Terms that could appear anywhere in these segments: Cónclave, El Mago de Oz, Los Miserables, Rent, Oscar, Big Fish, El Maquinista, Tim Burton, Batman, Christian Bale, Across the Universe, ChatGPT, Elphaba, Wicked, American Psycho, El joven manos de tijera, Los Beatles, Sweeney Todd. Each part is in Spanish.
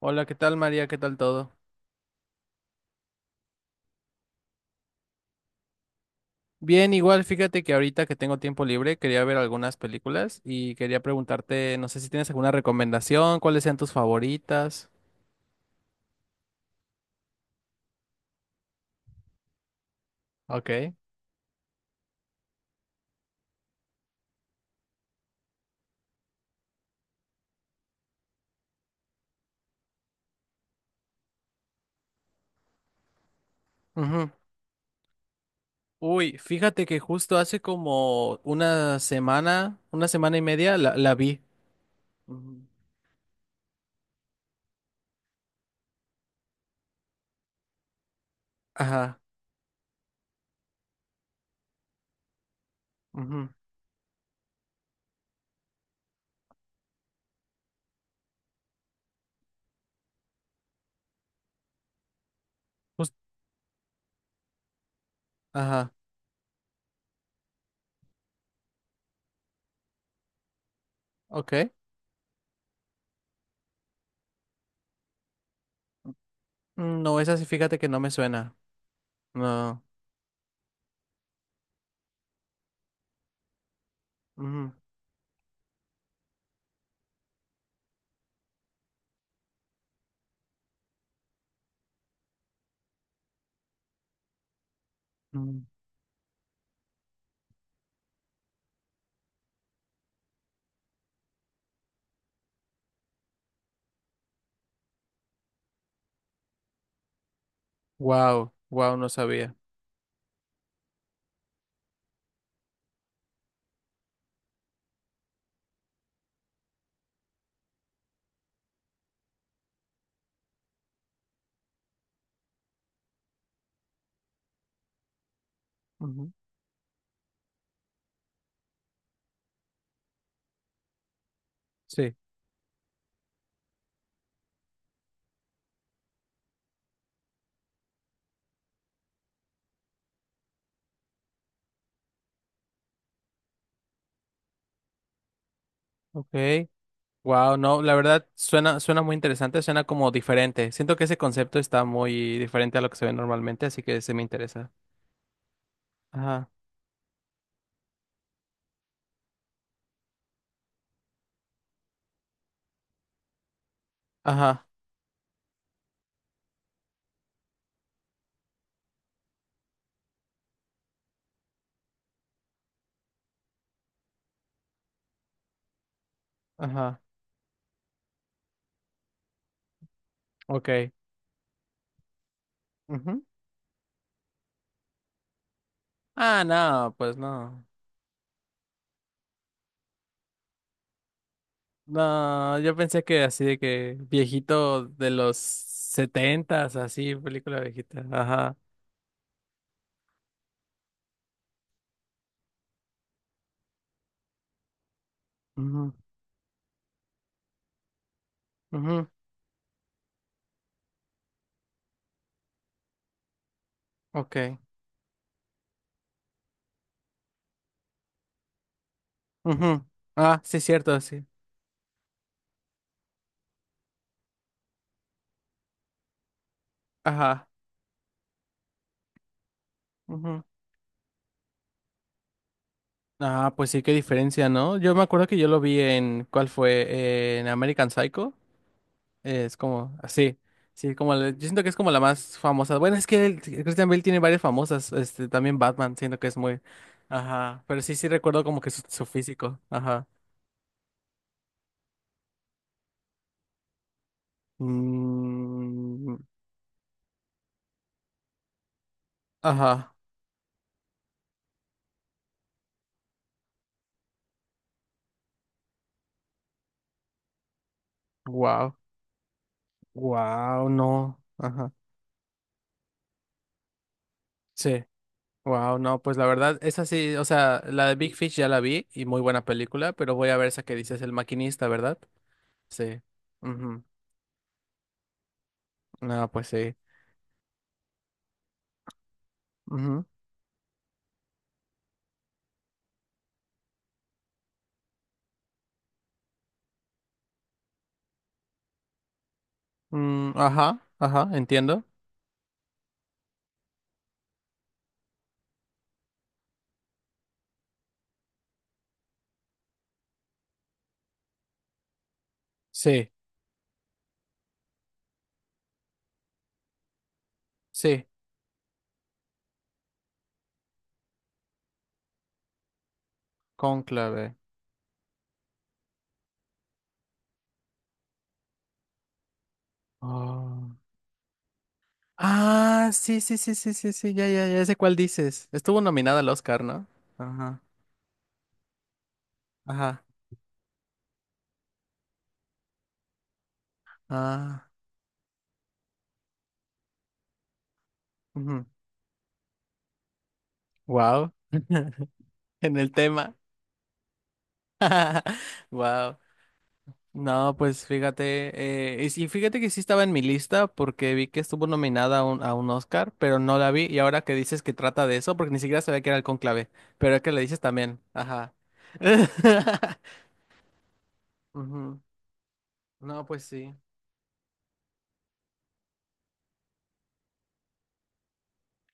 Hola, ¿qué tal María? ¿Qué tal todo? Bien, igual fíjate que ahorita que tengo tiempo libre quería ver algunas películas y quería preguntarte, no sé si tienes alguna recomendación, cuáles sean tus favoritas. Ok. Ujú. Uy, fíjate que justo hace como una semana y media la vi. Ujú. Ajá. Ujú, jus- ajá. Ok. Mm, no, esa sí, fíjate que no me suena. No. Wow, wow, no sabía. Ujú. Sí. Ok. Wow, no, la verdad suena, suena muy interesante, suena como diferente. Siento que ese concepto está muy diferente a lo que se ve normalmente, así que se me interesa. Ajá, ajá, ajá, ok. Ujú. Ah, no, pues no. No, yo pensé que así de que viejito de los setentas, así, película viejita. Ajá. Ujú, ujú, ok. Ujú. Ah, sí, cierto, sí. Ajá. Ujú. Ah, pues sí, qué diferencia, ¿no? Yo me acuerdo que yo lo vi en, ¿cuál fue? En American Psycho. Es como, así, sí, como, yo siento que es como la más famosa. Bueno, es que Christian Bale tiene varias famosas, también Batman, siento que es muy, ajá, pero sí, sí recuerdo como que su físico, ajá. Mm, ajá, wow, wow, no, ajá, sí. Wow, no, pues la verdad, esa sí, o sea, la de Big Fish ya la vi y muy buena película, pero voy a ver esa que dices, El Maquinista, ¿verdad? Sí. Ujú. No, pues sí. Ujú. Mm, ajá, ajá, entiendo. Sí, sí, Cónclave. Oh. Ah, sí, sí, sí, sí, sí, sí, ya, ya, ya sé cuál dices. Estuvo nominada al Oscar, ¿no? Ajá, ajá. Ah, wow. En el tema. Wow. No, pues fíjate, y sí, fíjate que sí estaba en mi lista porque vi que estuvo nominada a un Oscar, pero no la vi. Y ahora que dices que trata de eso, porque ni siquiera sabía que era el conclave, pero es que le dices también, ajá. Ujú. No, pues sí,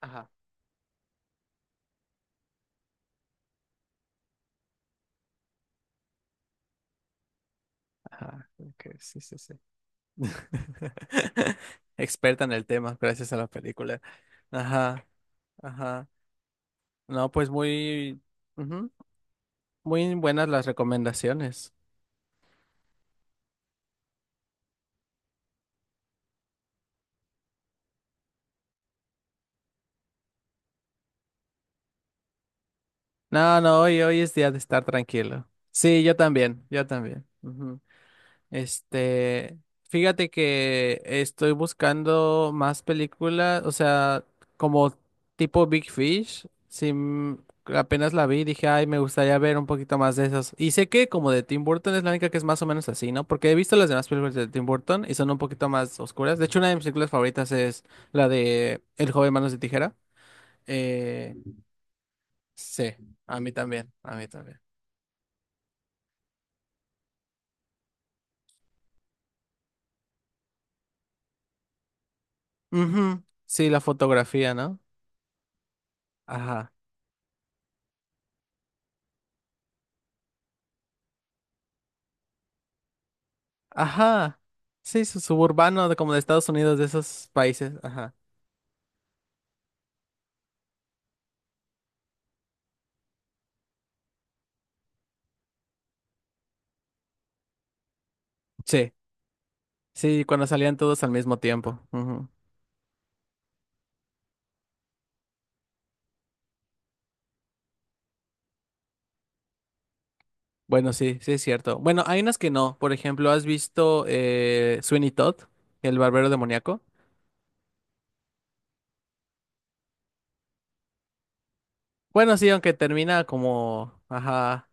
ajá, ajá, ok, sí, sí, sí. Experta en el tema, gracias a la película. Ajá, ajá. No, pues muy, ujú, muy buenas las recomendaciones. No, no, hoy es día de estar tranquilo. Sí, yo también, yo también. Ujú. Este, Fíjate que estoy buscando más películas, o sea, como tipo Big Fish. Sí, apenas la vi, y dije, ay, me gustaría ver un poquito más de esas. Y sé que como de Tim Burton es la única que es más o menos así, ¿no? Porque he visto las demás películas de Tim Burton y son un poquito más oscuras. De hecho, una de mis películas favoritas es la de El joven manos de tijera. Eh, sí, a mí también, a mí también. Ujú. Sí, la fotografía, ¿no? Ajá. Ajá. Sí, su suburbano de como de Estados Unidos, de esos países. Ajá. Sí. Sí, cuando salían todos al mismo tiempo. Ujú. Bueno, sí, sí es cierto. Bueno, hay unas que no. Por ejemplo, ¿has visto Sweeney Todd, el barbero demoníaco? Bueno, sí, aunque termina como. Ajá.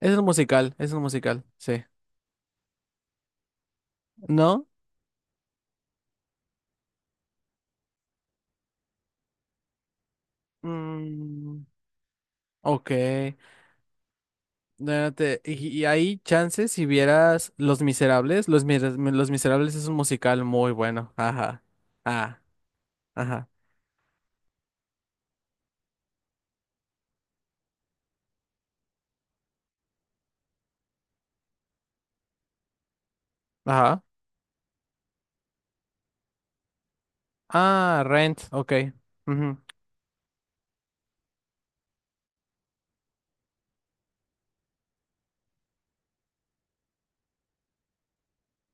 Es un musical, sí. ¿No? Mm, ok. No, y hay chances si vieras Los Miserables. Los Miserables es un musical muy bueno. Ajá. Ah, ajá. Ajá. Ah, Rent. Ok. Ujú,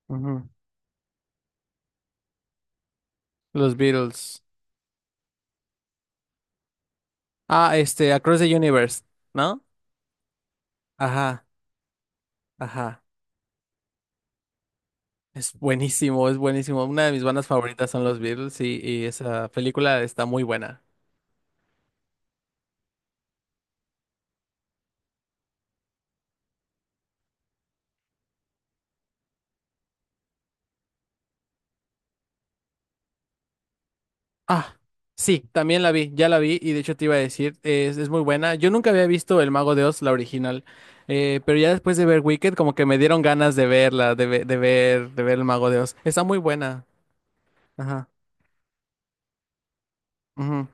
ujú. Los Beatles. Ah, Across the Universe, ¿no? Ajá, ajá. Es buenísimo, es buenísimo. Una de mis bandas favoritas son los Beatles y esa película está muy buena. Ah, sí, también la vi, ya la vi y de hecho te iba a decir, es muy buena. Yo nunca había visto El Mago de Oz, la original, pero ya después de ver Wicked como que me dieron ganas de verla, de ver El Mago de Oz. Está muy buena. Ajá. Ujú.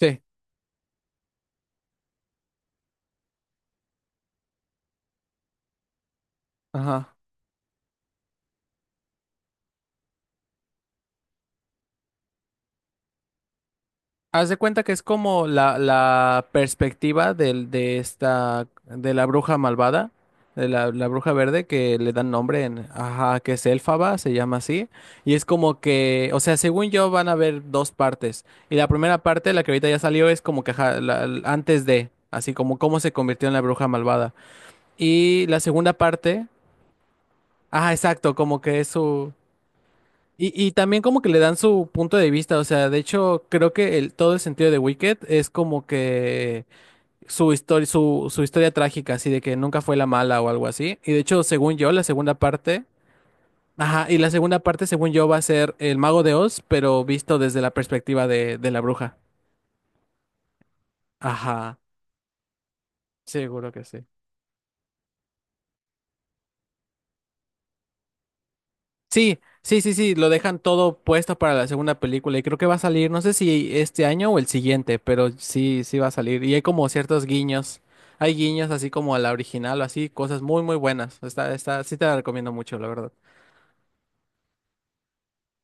Sí. Ajá. Haz de cuenta que es como la perspectiva de la bruja malvada, de la bruja verde que le dan nombre en, ajá, que es Elfaba, se llama así. Y es como que, o sea, según yo van a haber dos partes. Y la primera parte, la que ahorita ya salió, es como que ajá, antes de, así como cómo se convirtió en la bruja malvada. Y la segunda parte, ajá, exacto, como que es su. Y también como que le dan su punto de vista, o sea, de hecho creo que todo el sentido de Wicked es como que su historia, su historia trágica, así de que nunca fue la mala o algo así. Y de hecho, según yo, la segunda parte, ajá, y la segunda parte, según yo, va a ser el Mago de Oz, pero visto desde la perspectiva de la bruja. Ajá, seguro que sí. Sí, sí, sí, sí, lo dejan todo puesto para la segunda película y creo que va a salir, no sé si este año o el siguiente, pero sí, sí va a salir. Y hay como ciertos guiños, hay guiños así como a la original o así, cosas muy, muy buenas. Sí te la recomiendo mucho, la verdad.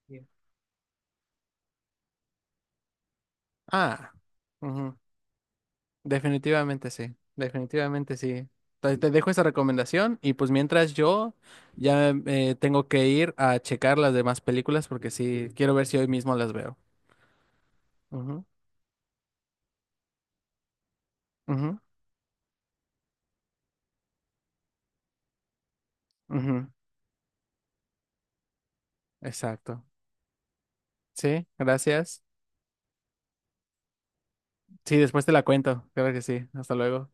Bien. Ah. Ujú. Definitivamente sí, definitivamente sí. Te dejo esa recomendación y pues mientras yo ya tengo que ir a checar las demás películas porque sí, quiero ver si hoy mismo las veo. Ujú, ujú, ujú. Exacto. Sí, gracias. Sí, después te la cuento. Claro que sí. Hasta luego.